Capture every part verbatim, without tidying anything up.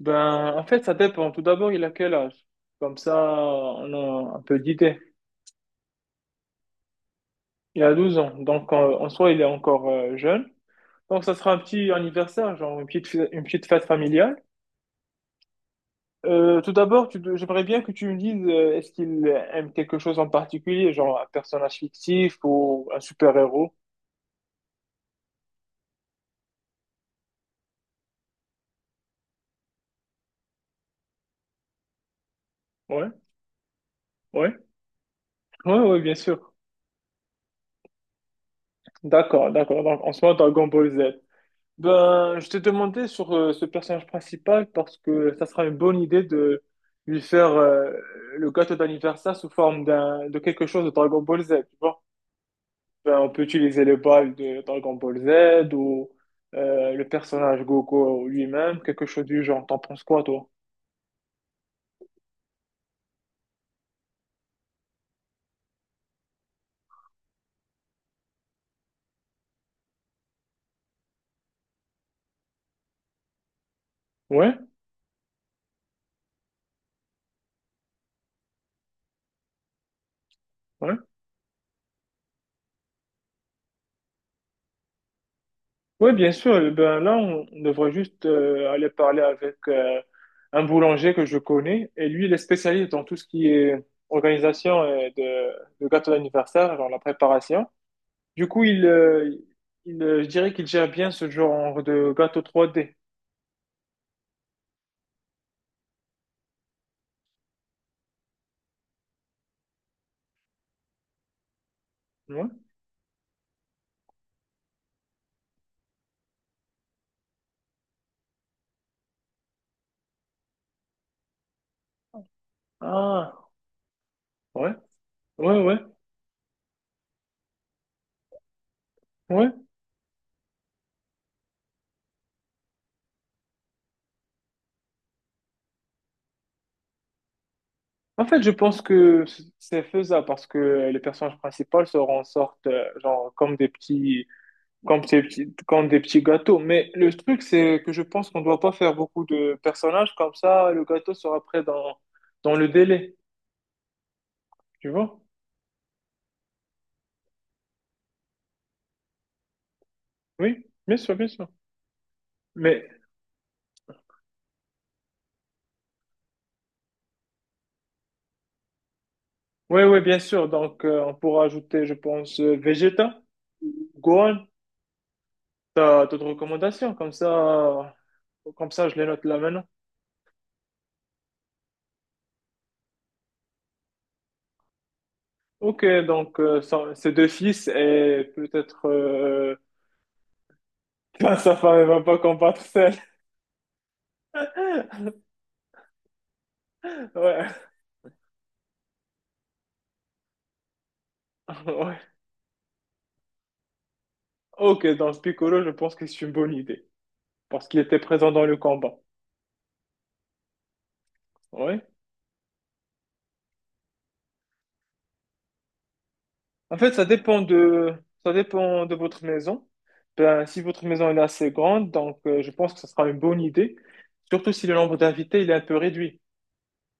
Ben, en fait, ça dépend. Tout d'abord, il a quel âge? Comme ça, on a un peu d'idée. Il a douze ans, donc en, en soi, il est encore euh, jeune. Donc, ça sera un petit anniversaire, genre une petite, fê- une petite fête familiale. Euh, tout d'abord, tu dois- j'aimerais bien que tu me dises, euh, est-ce qu'il aime quelque chose en particulier, genre un personnage fictif ou un super-héros? Ouais, ouais, ouais, ouais, bien sûr. D'accord, d'accord. Donc, en soi, Dragon Ball Z. Ben, je t'ai demandé sur euh, ce personnage principal parce que ça sera une bonne idée de lui faire euh, le gâteau d'anniversaire sous forme d'un de quelque chose de Dragon Ball Z, tu vois. Ben, on peut utiliser les balles de Dragon Ball Z ou euh, le personnage Goku lui-même, quelque chose du genre. T'en penses quoi, toi? Ouais, ouais. Oui, bien sûr. Eh Ben là, on on devrait juste euh, aller parler avec euh, un boulanger que je connais. Et lui, il est spécialiste dans tout ce qui est organisation euh, de, de gâteau d'anniversaire, dans la préparation. Du coup, il, euh, il, euh, je dirais qu'il gère bien ce genre de gâteau trois D. Ouais. Ah, ouais, ouais, ouais, ouais. En fait, je pense que c'est faisable parce que les personnages principales se en sortent euh, genre comme des petits comme des petits, comme des petits gâteaux. Mais le truc, c'est que je pense qu'on doit pas faire beaucoup de personnages, comme ça, le gâteau sera prêt dans, dans le délai. Tu vois? Oui, bien sûr, bien sûr. Mais, oui, oui, bien sûr. Donc, euh, on pourra ajouter, je pense, euh, Vegeta, Gohan, t'as d'autres recommandations, comme ça, comme ça, je les note là maintenant. Ok, donc, euh, ça- ces deux fils et peut-être, euh... sa femme, elle va pas combattre celle. Ouais. Ok, dans ce Piccolo, je pense que c'est une bonne idée. Parce qu'il était présent dans le combat. Ouais. En fait, ça dépend de, ça dépend de votre maison. Ben, si votre maison elle est assez grande, donc euh, je pense que ce sera une bonne idée. Surtout si le nombre d'invités il est un peu réduit.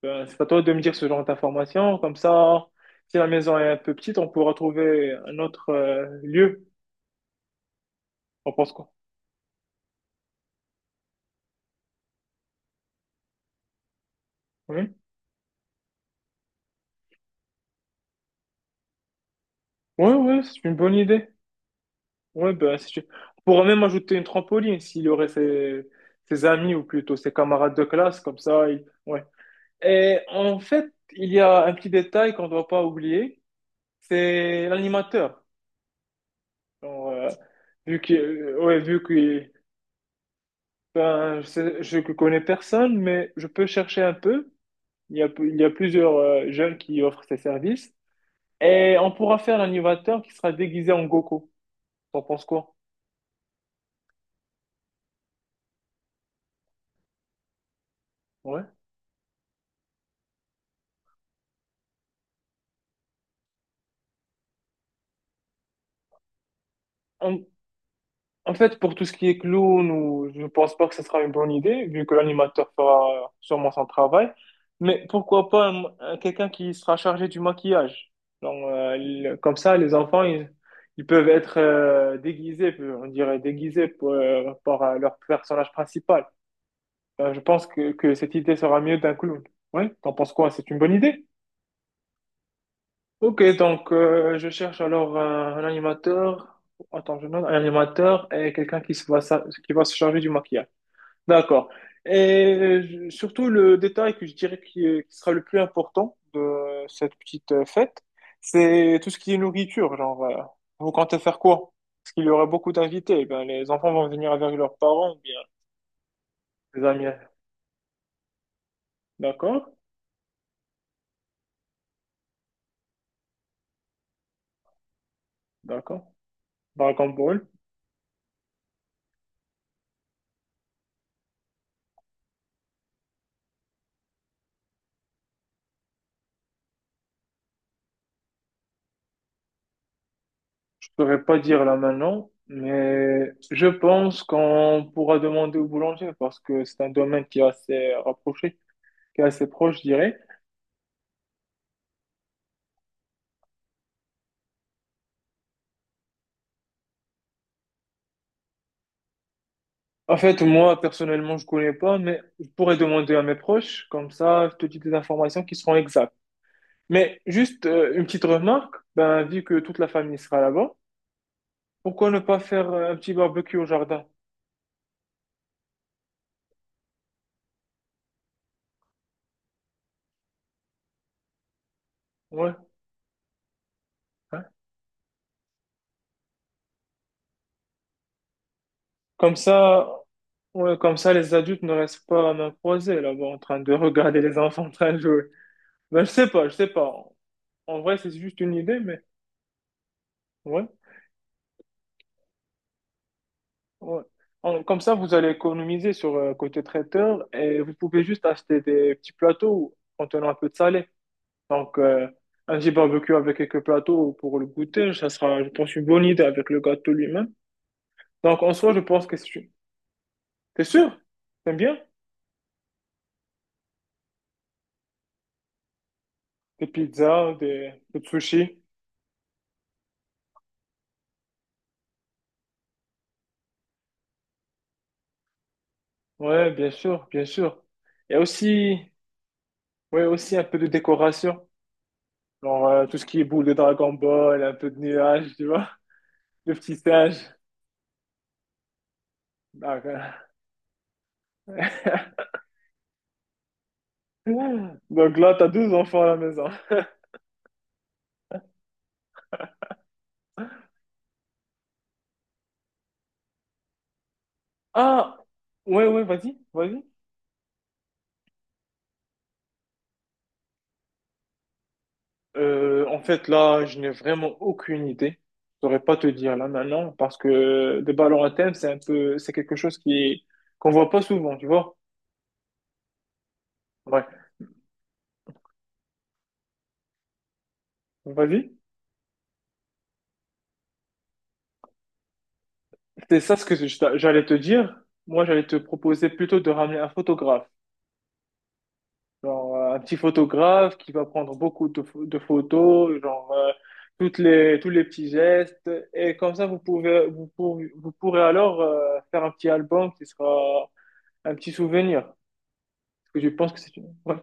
Ben, c'est à toi de me dire ce genre d'informations. Comme ça, si la maison est un peu petite, on pourra trouver un autre euh, lieu. On pense quoi? Oui, oui, oui, c'est une bonne idée. Ouais, ben, si tu... on pourrait même ajouter une trampoline s'il y aurait ses... ses amis ou plutôt ses camarades de classe, comme ça. il- Ouais. Et en fait, il y a un petit détail qu'on ne doit pas oublier, c'est l'animateur. Genre, euh, vu que, euh, ouais, vu que ben, je sais- je ne connais personne, mais je peux chercher un peu. Il y a, il y a plusieurs euh, jeunes qui offrent ces services. Et on pourra faire l'animateur qui sera déguisé en Goku. T'en penses quoi? Ouais. On- En fait, pour tout ce qui est clown, ou, je ne pense pas que ce sera une bonne idée, vu que l'animateur fera sûrement son travail. Mais pourquoi pas un- un- quelqu'un qui sera chargé du maquillage? Donc, euh, le- comme ça, les enfants, ils, ils peuvent être euh, déguisés, on dirait déguisés pour, euh, par euh, leur personnage principal. Euh, je pense que, que cette idée sera mieux d'un clown. Oui, t'en penses quoi? C'est une bonne idée? Ok, donc euh, je cherche alors un, un animateur. Attends, je note un animateur et quelqu'un qui se va, sa- qui va se charger du maquillage. D'accord. Et je- surtout, le détail que je dirais qui, est- qui sera le plus important de cette petite euh, fête, c'est tout ce qui est nourriture. Genre, euh, vous comptez faire quoi? Parce qu'il y aura beaucoup d'invités. Eh Ben, les enfants vont venir avec leurs parents ou bien les amis. D'accord? D'accord. Dragon Ball. Je ne pourrais pas dire là maintenant, mais je pense qu'on pourra demander au boulanger parce que c'est un domaine qui est assez rapproché, qui est assez proche, je dirais. En fait, moi, personnellement, je connais pas, mais je pourrais demander à mes proches, comme ça, je te dis des informations qui seront exactes. Mais juste euh, une petite remarque, ben, vu que toute la famille sera là-bas, pourquoi ne pas faire euh, un petit barbecue au jardin? Ouais, hein. Comme ça, ouais, comme ça, les adultes ne restent pas à main croisée là-bas en train de regarder les enfants en train de jouer. Ben, je sais pas, je sais pas. En vrai, c'est juste une idée, mais ouais. Ouais. En- Comme ça, vous allez économiser sur euh, côté traiteur et vous pouvez juste acheter des petits plateaux contenant un peu de salé. Donc, euh, un petit barbecue avec quelques plateaux pour le goûter, ça sera, je pense, une bonne idée avec le gâteau lui-même. Donc, en soi, je pense que c'est... T'es sûr? T'aimes bien? Des pizzas, des, des sushis. Ouais, bien sûr, bien sûr. Et aussi, ouais, aussi un peu de décoration. Genre, euh, tout ce qui est boule de Dragon Ball, un peu de nuages, tu vois? Le petit singe. Ah, voilà. Donc là, t'as deux enfants à la maison. Ah, ouais, ouais, vas-y, vas-y. Euh, en fait, là, je n'ai vraiment aucune idée. Je saurais pas te dire là maintenant parce que des balles en thème, c'est un peu, c'est quelque chose qui qu'on voit pas souvent, tu vois. Ouais, vas-y. C'est ça ce que je j'allais te dire. Moi, j'allais te proposer plutôt de ramener un photographe. Genre, euh, un petit photographe qui va prendre beaucoup de, pho- de photos, genre, euh, toutes les, tous les petits gestes. Et comme ça, vous pouvez, vous pourrez, vous pourrez alors, euh, faire un petit album qui sera un petit souvenir. Parce que je pense que c'est une... ouais.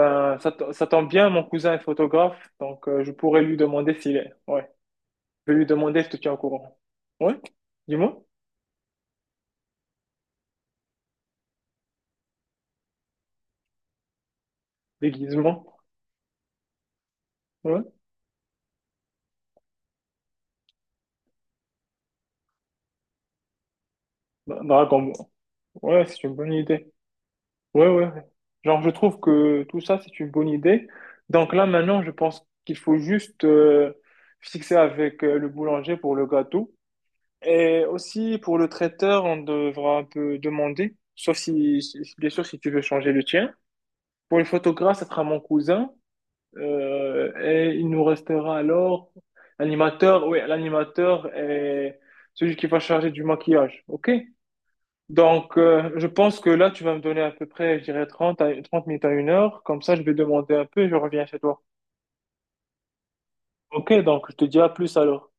Euh, Ça, to- ça tombe bien, mon cousin est photographe, donc euh, je pourrais lui demander s'il est. Ouais. Je vais lui demander, je te tiens au courant. Ouais, dis-moi. Déguisement. Ouais. Dra- Dragon Ball. Ouais, c'est une bonne idée. Ouais, ouais. ouais. Genre, je trouve que tout ça, c'est une bonne idée. Donc là, maintenant, je pense qu'il faut juste euh, fixer avec euh, le boulanger pour le gâteau. Et aussi, pour le traiteur, on devra un peu demander, sauf si, si- bien sûr, si tu veux changer le tien. Pour le photographe, ça sera mon cousin. Euh, et il nous restera alors l'animateur, oui, l'animateur et celui qui va charger du maquillage. OK? Donc, euh, je pense que là, tu vas me donner à peu près, je dirais, trente à, trente minutes à une heure. Comme ça, je vais demander un peu et je reviens chez toi. OK, donc je te dis à plus alors.